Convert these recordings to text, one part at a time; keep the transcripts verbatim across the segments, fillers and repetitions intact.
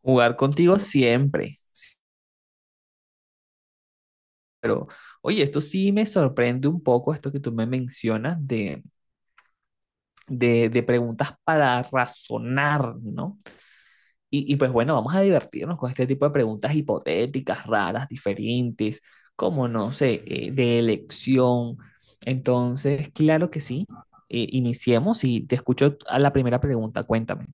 Jugar contigo siempre, sí, pero oye, esto sí me sorprende un poco, esto que tú me mencionas de, de, de preguntas para razonar, ¿no? Y, y pues bueno, vamos a divertirnos con este tipo de preguntas hipotéticas, raras, diferentes, como no sé, eh, de elección. Entonces, claro que sí, eh, iniciemos y te escucho a la primera pregunta, cuéntame.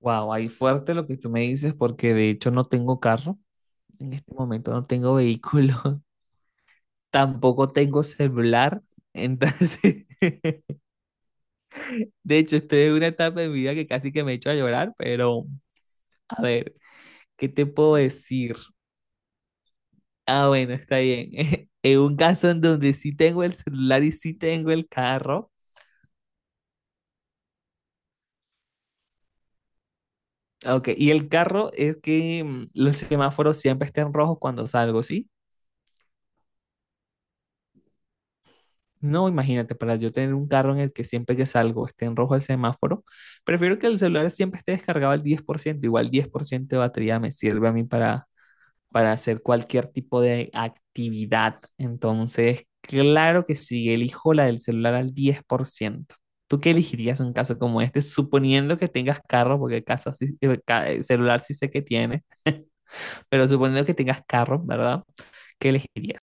Wow, ahí fuerte lo que tú me dices, porque de hecho no tengo carro, en este momento no tengo vehículo. Tampoco tengo celular, entonces, de hecho, estoy en una etapa de mi vida que casi que me he hecho a llorar, pero a ver, ¿qué te puedo decir? Ah, bueno, está bien. En un caso en donde sí tengo el celular y sí tengo el carro. Ok, y el carro es que mm, los semáforos siempre estén rojos cuando salgo, ¿sí? No, imagínate, para yo tener un carro en el que siempre que salgo esté en rojo el semáforo, prefiero que el celular siempre esté descargado al diez por ciento, igual diez por ciento de batería me sirve a mí para para hacer cualquier tipo de actividad. Entonces, claro que sí, elijo la del celular al diez por ciento. ¿Tú qué elegirías en un caso como este? Suponiendo que tengas carro, porque casa sí- eh, ca- eh, celular sí sé que tienes, pero suponiendo que tengas carro, ¿verdad? ¿Qué elegirías?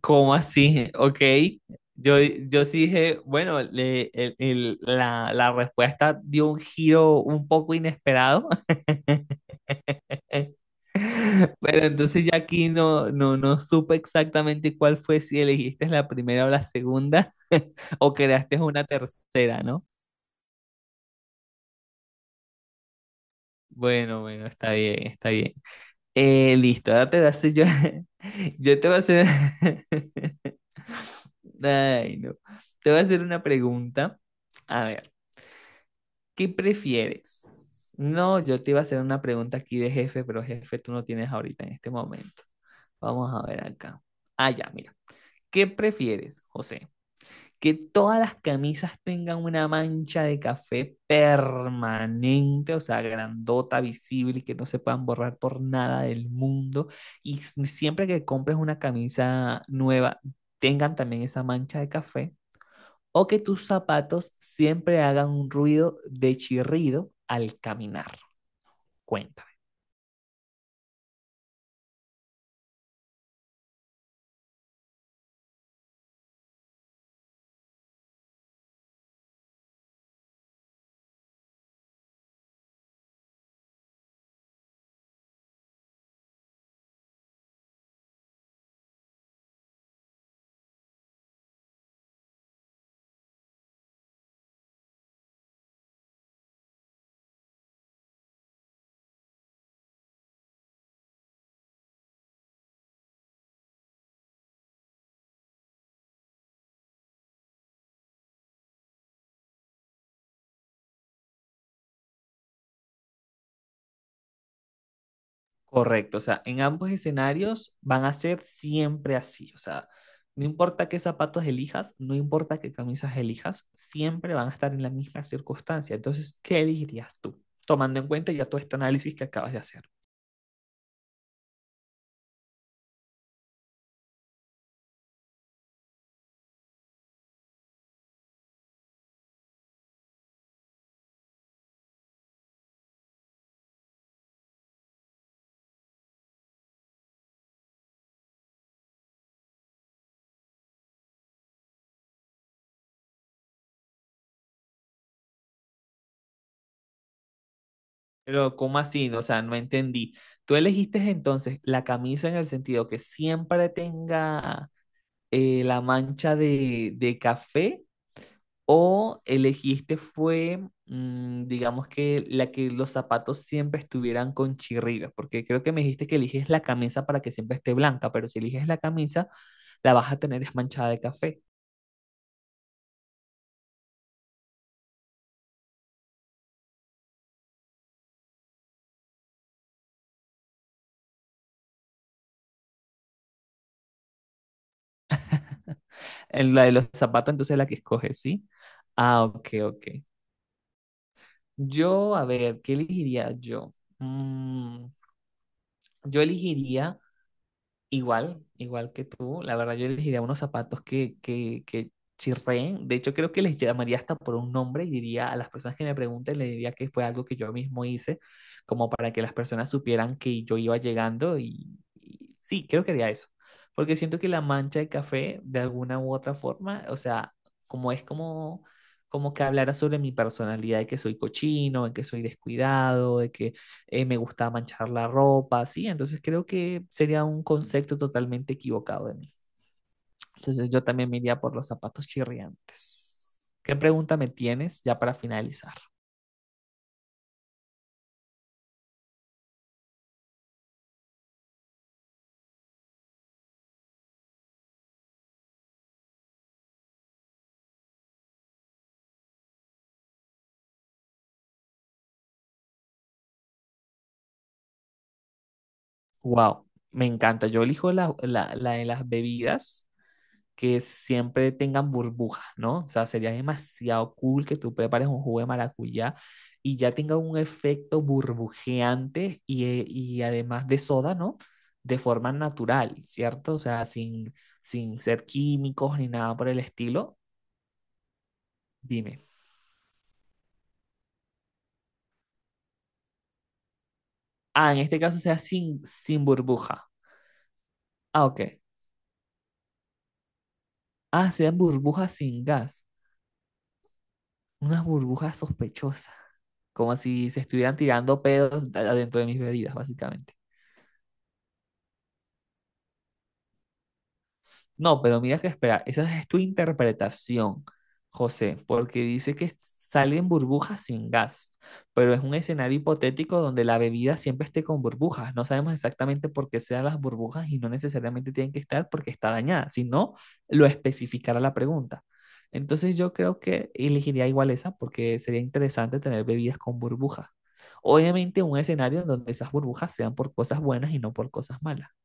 ¿Cómo así? Ok. Yo, yo sí dije, bueno, le- el- el- la, la respuesta dio un giro un poco inesperado. Pero entonces ya aquí no, no, no supe exactamente cuál fue, si elegiste la primera o la segunda, o creaste una tercera, ¿no? Bueno, bueno, está bien, está bien. Eh, listo, ahora te voy a hacer yo, yo te voy a hacer, ay, no, te voy a hacer una pregunta. A ver, ¿qué prefieres? No, yo te iba a hacer una pregunta aquí de jefe, pero jefe tú no tienes ahorita en este momento. Vamos a ver acá. Ah, ya, mira. ¿Qué prefieres, José? Que todas las camisas tengan una mancha de café permanente, o sea, grandota, visible y que no se puedan borrar por nada del mundo. Y s- siempre que compres una camisa nueva, tengan también esa mancha de café. O que tus zapatos siempre hagan un ruido de chirrido al caminar. Cuenta. Correcto, o sea, en ambos escenarios van a ser siempre así, o sea, no importa qué zapatos elijas, no importa qué camisas elijas, siempre van a estar en la misma circunstancia. Entonces, ¿qué elegirías tú? Tomando en cuenta ya todo este análisis que acabas de hacer. Pero, ¿cómo así? No, o sea, no entendí. ¿Tú elegiste entonces la camisa en el sentido que siempre tenga eh, la mancha de, de café? ¿O elegiste fue, mm, digamos que la que los zapatos siempre estuvieran con chirridos? Porque creo que me dijiste que eliges la camisa para que siempre esté blanca, pero si eliges la camisa, la vas a tener es manchada de café. En la de los zapatos, entonces la que escoges, ¿sí? Ah, ok, ok. Yo, a ver, ¿qué elegiría yo? Mm, yo elegiría. Igual, igual que tú, la verdad yo elegiría unos zapatos que, que, que chirreen. De hecho, creo que les llamaría hasta por un nombre y diría a las personas que me pregunten, le diría que fue algo que yo mismo hice, como para que las personas supieran que yo iba llegando y, y sí, creo que haría eso. Porque siento que la mancha de café, de alguna u otra forma, o sea, como es como, como que hablara sobre mi personalidad, de que soy cochino, de que soy descuidado, de que eh, me gustaba manchar la ropa, ¿sí? Entonces creo que sería un concepto totalmente equivocado de mí. Entonces yo también me iría por los zapatos chirriantes. ¿Qué pregunta me tienes ya para finalizar? Wow, me encanta. Yo elijo la, la, la de las bebidas que siempre tengan burbujas, ¿no? O sea, sería demasiado cool que tú prepares un jugo de maracuyá y ya tenga un efecto burbujeante y, eh, y además de soda, ¿no? De forma natural, ¿cierto? O sea, sin, sin ser químicos ni nada por el estilo. Dime. Ah, en este caso sea sin, sin burbuja. Ah, ok. Ah, sean burbujas sin gas. Unas burbujas sospechosas. Como si se estuvieran tirando pedos adentro de mis bebidas, básicamente. No, pero mira que espera, esa es tu interpretación, José, porque dice que salen burbujas sin gas, pero es un escenario hipotético donde la bebida siempre esté con burbujas. No sabemos exactamente por qué sean las burbujas y no necesariamente tienen que estar porque está dañada, sino lo especificará la pregunta. Entonces yo creo que elegiría igual esa porque sería interesante tener bebidas con burbujas. Obviamente un escenario en donde esas burbujas sean por cosas buenas y no por cosas malas.